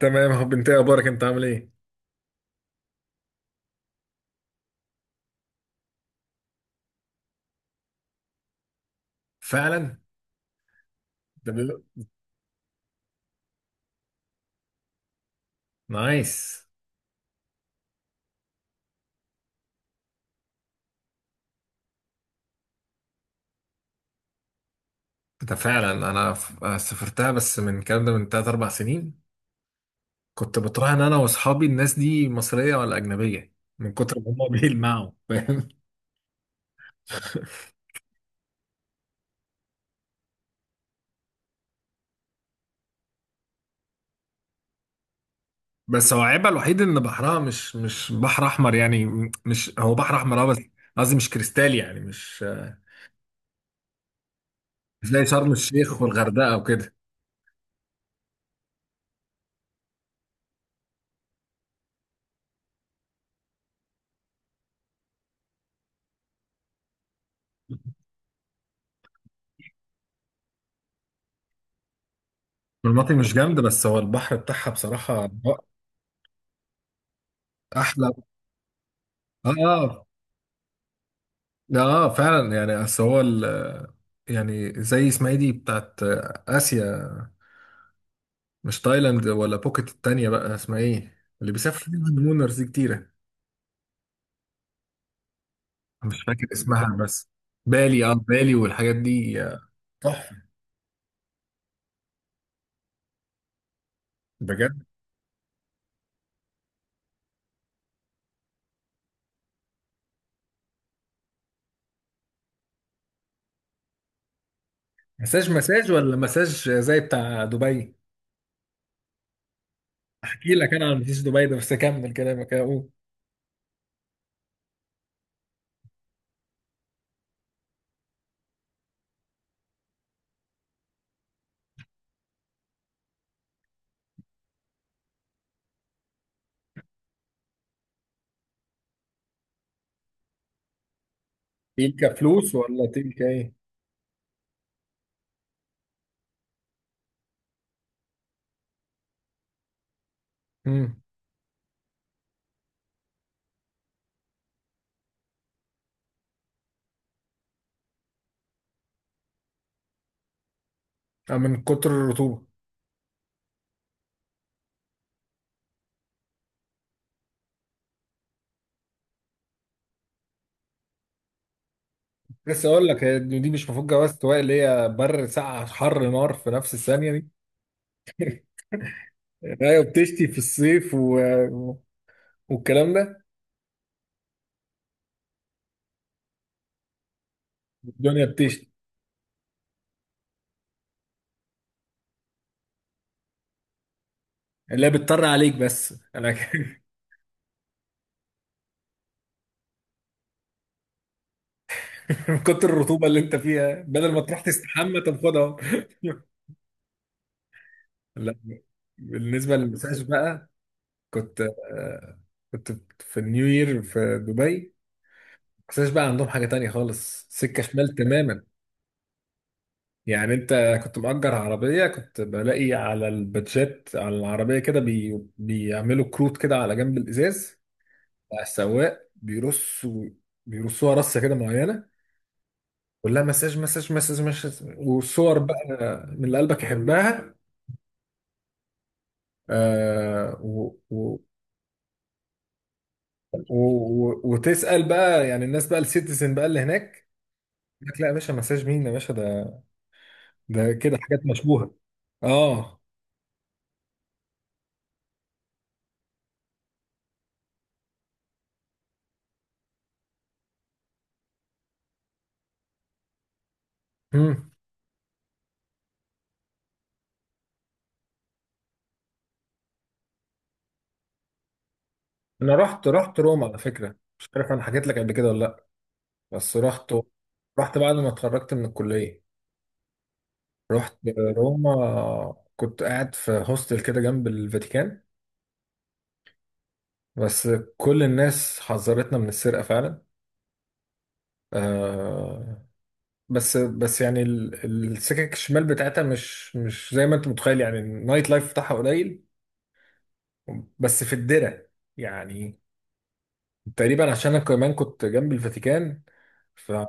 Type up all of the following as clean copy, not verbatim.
تمام يا حب، انت ايه اخبارك؟ انت عامل ايه؟ فعلا. ده بيقول. نايس. ده فعلا انا سافرتها بس من الكلام ده من 3 4 سنين. كنت بتراهن انا واصحابي الناس دي مصريه ولا اجنبيه، من كتر ما هم بيلمعوا، فاهم؟ بس هو عيبها الوحيد ان بحرها مش بحر احمر يعني. مش هو بحر احمر، اه، بس قصدي مش كريستالي يعني، مش زي شرم الشيخ والغردقه وكده. المناطق مش جامده، بس هو البحر بتاعها بصراحه احلى. اه. ده اه فعلا، يعني اصل هو يعني زي اسمها ايه دي بتاعت اسيا؟ مش تايلاند ولا بوكيت، التانية بقى اسمها ايه، اللي بيسافر فيها الهانيمونرز دي كتيرة؟ مش فاكر اسمها، بس بالي، اه بالي، والحاجات دي. تحفة. بجد؟ مساج مساج، ولا مساج زي بتاع دبي؟ احكي لك انا عن مساج دبي ده، بس اكمل كلامك اهو. تلك فلوس ولا تلك ايه؟ امم من كتر الرطوبة. لسه اقول لك، هي دي مش مفروض جواز سواق، اللي هي بر ساقعة حر نار في نفس الثانية دي. ايوه، بتشتي في الصيف والكلام ده. الدنيا بتشتي، لا بتطر عليك بس انا من كتر الرطوبه اللي انت فيها، بدل ما تروح تستحمى طب خدها اهو. لا، بالنسبه للمساج بقى، كنت، آه، كنت في النيو يير في دبي. المساج بقى عندهم حاجه تانية خالص، سكه شمال تماما. يعني انت كنت مأجر عربيه، كنت بلاقي على البادجات على العربيه كده بيعملوا كروت كده على جنب الازاز. بقى السواق بيرص، بيرصوها رصه كده معينه. كلها مساج مساج مساج مساج وصور بقى، من اللي قلبك يحبها. آه و و و وتسأل بقى يعني الناس بقى، السيتيزن بقى اللي هناك، يقول لك لا يا باشا، مساج مين يا باشا؟ ده ده كده حاجات مشبوهه. اه. مم. انا رحت، رحت روما على فكره، مش عارف انا حكيت لك قبل كده ولا لا، بس رحت، رحت بعد ما اتخرجت من الكليه. رحت روما، كنت قاعد في هوستل كده جنب الفاتيكان. بس كل الناس حذرتنا من السرقة فعلا. آه، بس يعني السكك الشمال بتاعتها مش مش زي ما انت متخيل، يعني النايت لايف بتاعها قليل، بس في الدرة. يعني تقريبا، عشان انا كمان كنت جنب الفاتيكان، فهم.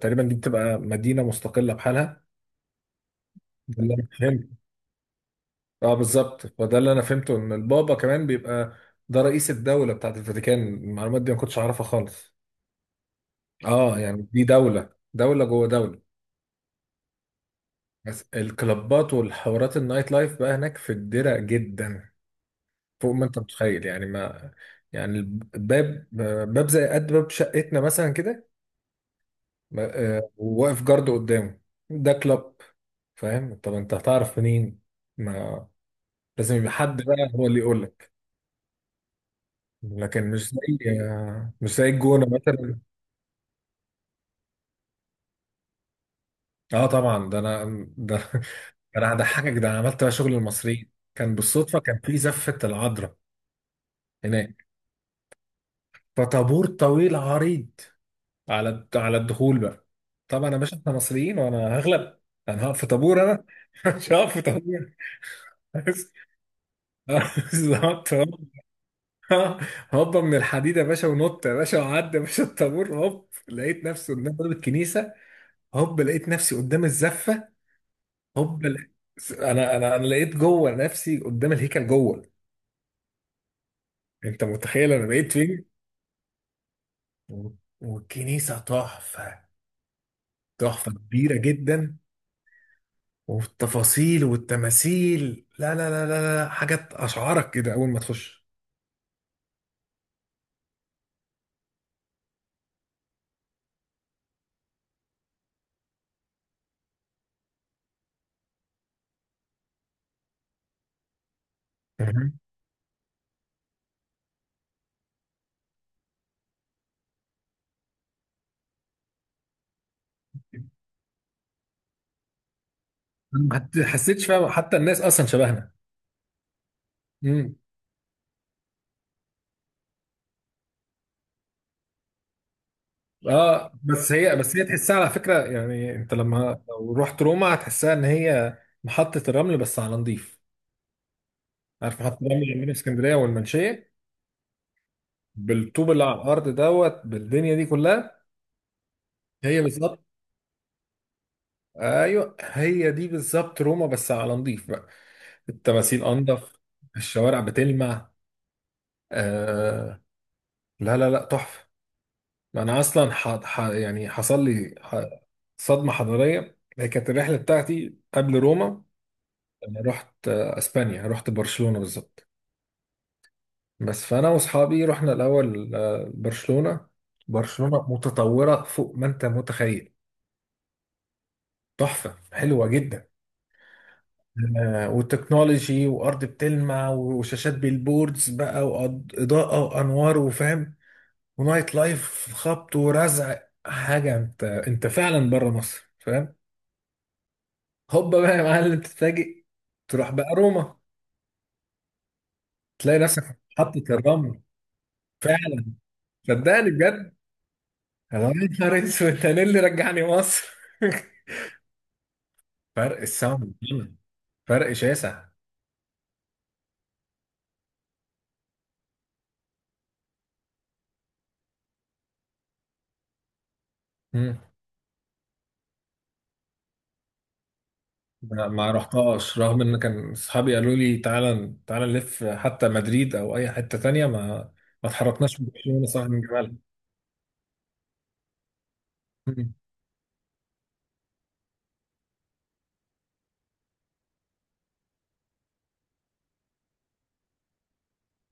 تقريبا دي بتبقى مدينة مستقلة بحالها. ده اللي انا فهمته، اه بالظبط، فده اللي انا فهمته، ان البابا كمان بيبقى ده رئيس الدولة بتاعت الفاتيكان. المعلومات دي ما كنتش اعرفها خالص. اه يعني دي دولة، دولة جوه دولة. بس الكلابات والحوارات النايت لايف بقى هناك في الدرة جدا، فوق ما انت متخيل، يعني ما، يعني الباب، باب زي قد باب شقتنا مثلا كده، وواقف جارد قدامه، ده كلاب. فاهم؟ طب انت هتعرف منين؟ ما لازم يبقى حد بقى هو اللي يقول لك. لكن مش زي، مش زي الجونة مثلا. اه طبعا ده انا، ده انا هضحكك، ده انا عملت بقى شغل المصريين. كان بالصدفة، كان في زفة العذراء هناك، فطابور طويل عريض على على الدخول بقى. طبعا يا باشا احنا مصريين وانا هغلب، انا هقف في طابور؟ انا مش هقف في طابور. بالظبط. هوب، هوبا من الحديد يا باشا، ونط يا باشا، وعدي يا باشا الطابور. هوب، لقيت نفسي قدام باب الكنيسه. هوب لقيت نفسي قدام الزفه. هوب لقيت- انا لقيت جوه، نفسي قدام الهيكل جوه. انت متخيل انا بقيت فين؟ والكنيسه تحفه، تحفه كبيره جدا. والتفاصيل والتماثيل، لا لا لا لا لا، حاجات اشعرك كده اول ما تخش. مهم. ما حت- حسيتش فيها، حتى الناس اصلا شبهنا. امم. اه بس هي، بس هي تحسها على فكره، يعني انت لما لو رحت روما هتحسها ان هي محطه الرمل، بس على نضيف. عارف محطه الرمل اللي عندنا في اسكندريه والمنشيه، بالطوب اللي على الارض دوت، بالدنيا دي كلها. هي بالظبط، ايوه هي دي بالظبط، روما بس على نضيف بقى. التماثيل انضف، الشوارع بتلمع. آه. لا لا لا، تحفة. ما انا اصلا يعني حصل لي صدمة حضارية. هي كانت الرحلة بتاعتي قبل روما، انا رحت، اسبانيا، رحت برشلونة بالظبط. بس فانا واصحابي رحنا الاول، برشلونة. برشلونة متطورة فوق ما انت متخيل، تحفة، حلوة جدا. والتكنولوجي، وارض بتلمع، وشاشات بالبوردز بقى، واضاءة وانوار، وفاهم، ونايت لايف خبط ورزع، حاجه انت فعلا بره مصر، فاهم؟ هوبا بقى يا معلم، تتفاجئ، تروح بقى روما، تلاقي نفسك في محطه الرمل. فعلا، صدقني بجد، انا يا نهار اسود، انا اللي رجعني مصر. فرق السما، فرق شاسع. مم. ما رحتهاش، رغم ان كان اصحابي قالوا لي تعالى تعالى نلف حتى مدريد او اي حته تانية، ما ما اتحركناش من برشلونه، صح، من جمالها.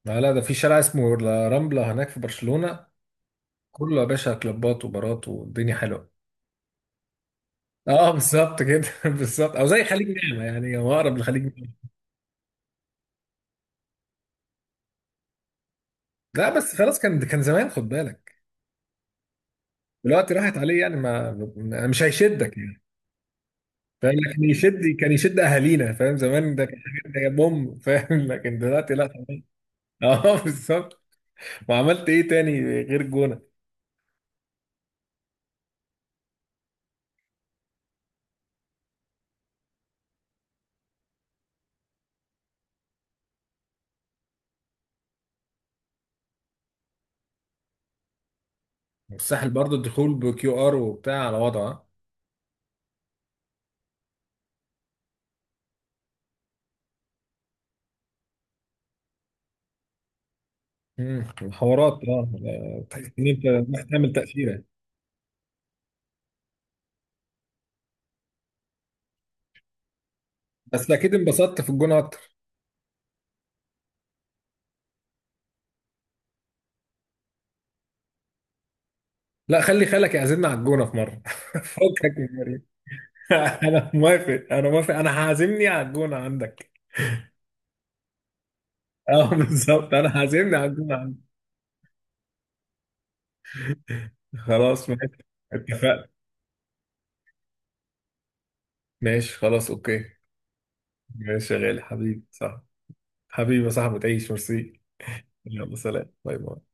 لا لا، ده في شارع اسمه لا رامبلا هناك في برشلونة، كله يا باشا كلوبات وبارات، والدنيا حلوة. اه بالظبط كده، بالظبط، او زي خليج نعمة، يعني هو اقرب لخليج نعمة. لا بس خلاص، كان كان زمان، خد بالك، دلوقتي راحت عليه يعني، ما مش هيشدك يعني. فاهم؟ لكن يشد، كان يشد اهالينا، فاهم؟ زمان ده كان حاجات، ده بوم، فاهم؟ لكن دلوقتي لا، خلاص. اه بالظبط. وعملت ايه تاني غير الجونة؟ الساحل برضو الدخول بكيو ار وبتاع على وضعه آه. مم. الحوارات، اه، تحس ان انت رايح تعمل تأثيرة. بس اكيد انبسطت في الجون اكتر. لا، خلي خالك يعزمنا على الجونة في مرة، فكك من المريخ. انا موافق، انا موافق، انا هعزمني على الجونة عندك. اه بالظبط، انا هعزمني على الجونة عندك. خلاص ماشي، اتفقنا. ماشي خلاص، اوكي. ماشي يا غالي، حبيبي، صح. حبيبي يا صاحبي، تعيش، ميرسي. يلا سلام، باي باي.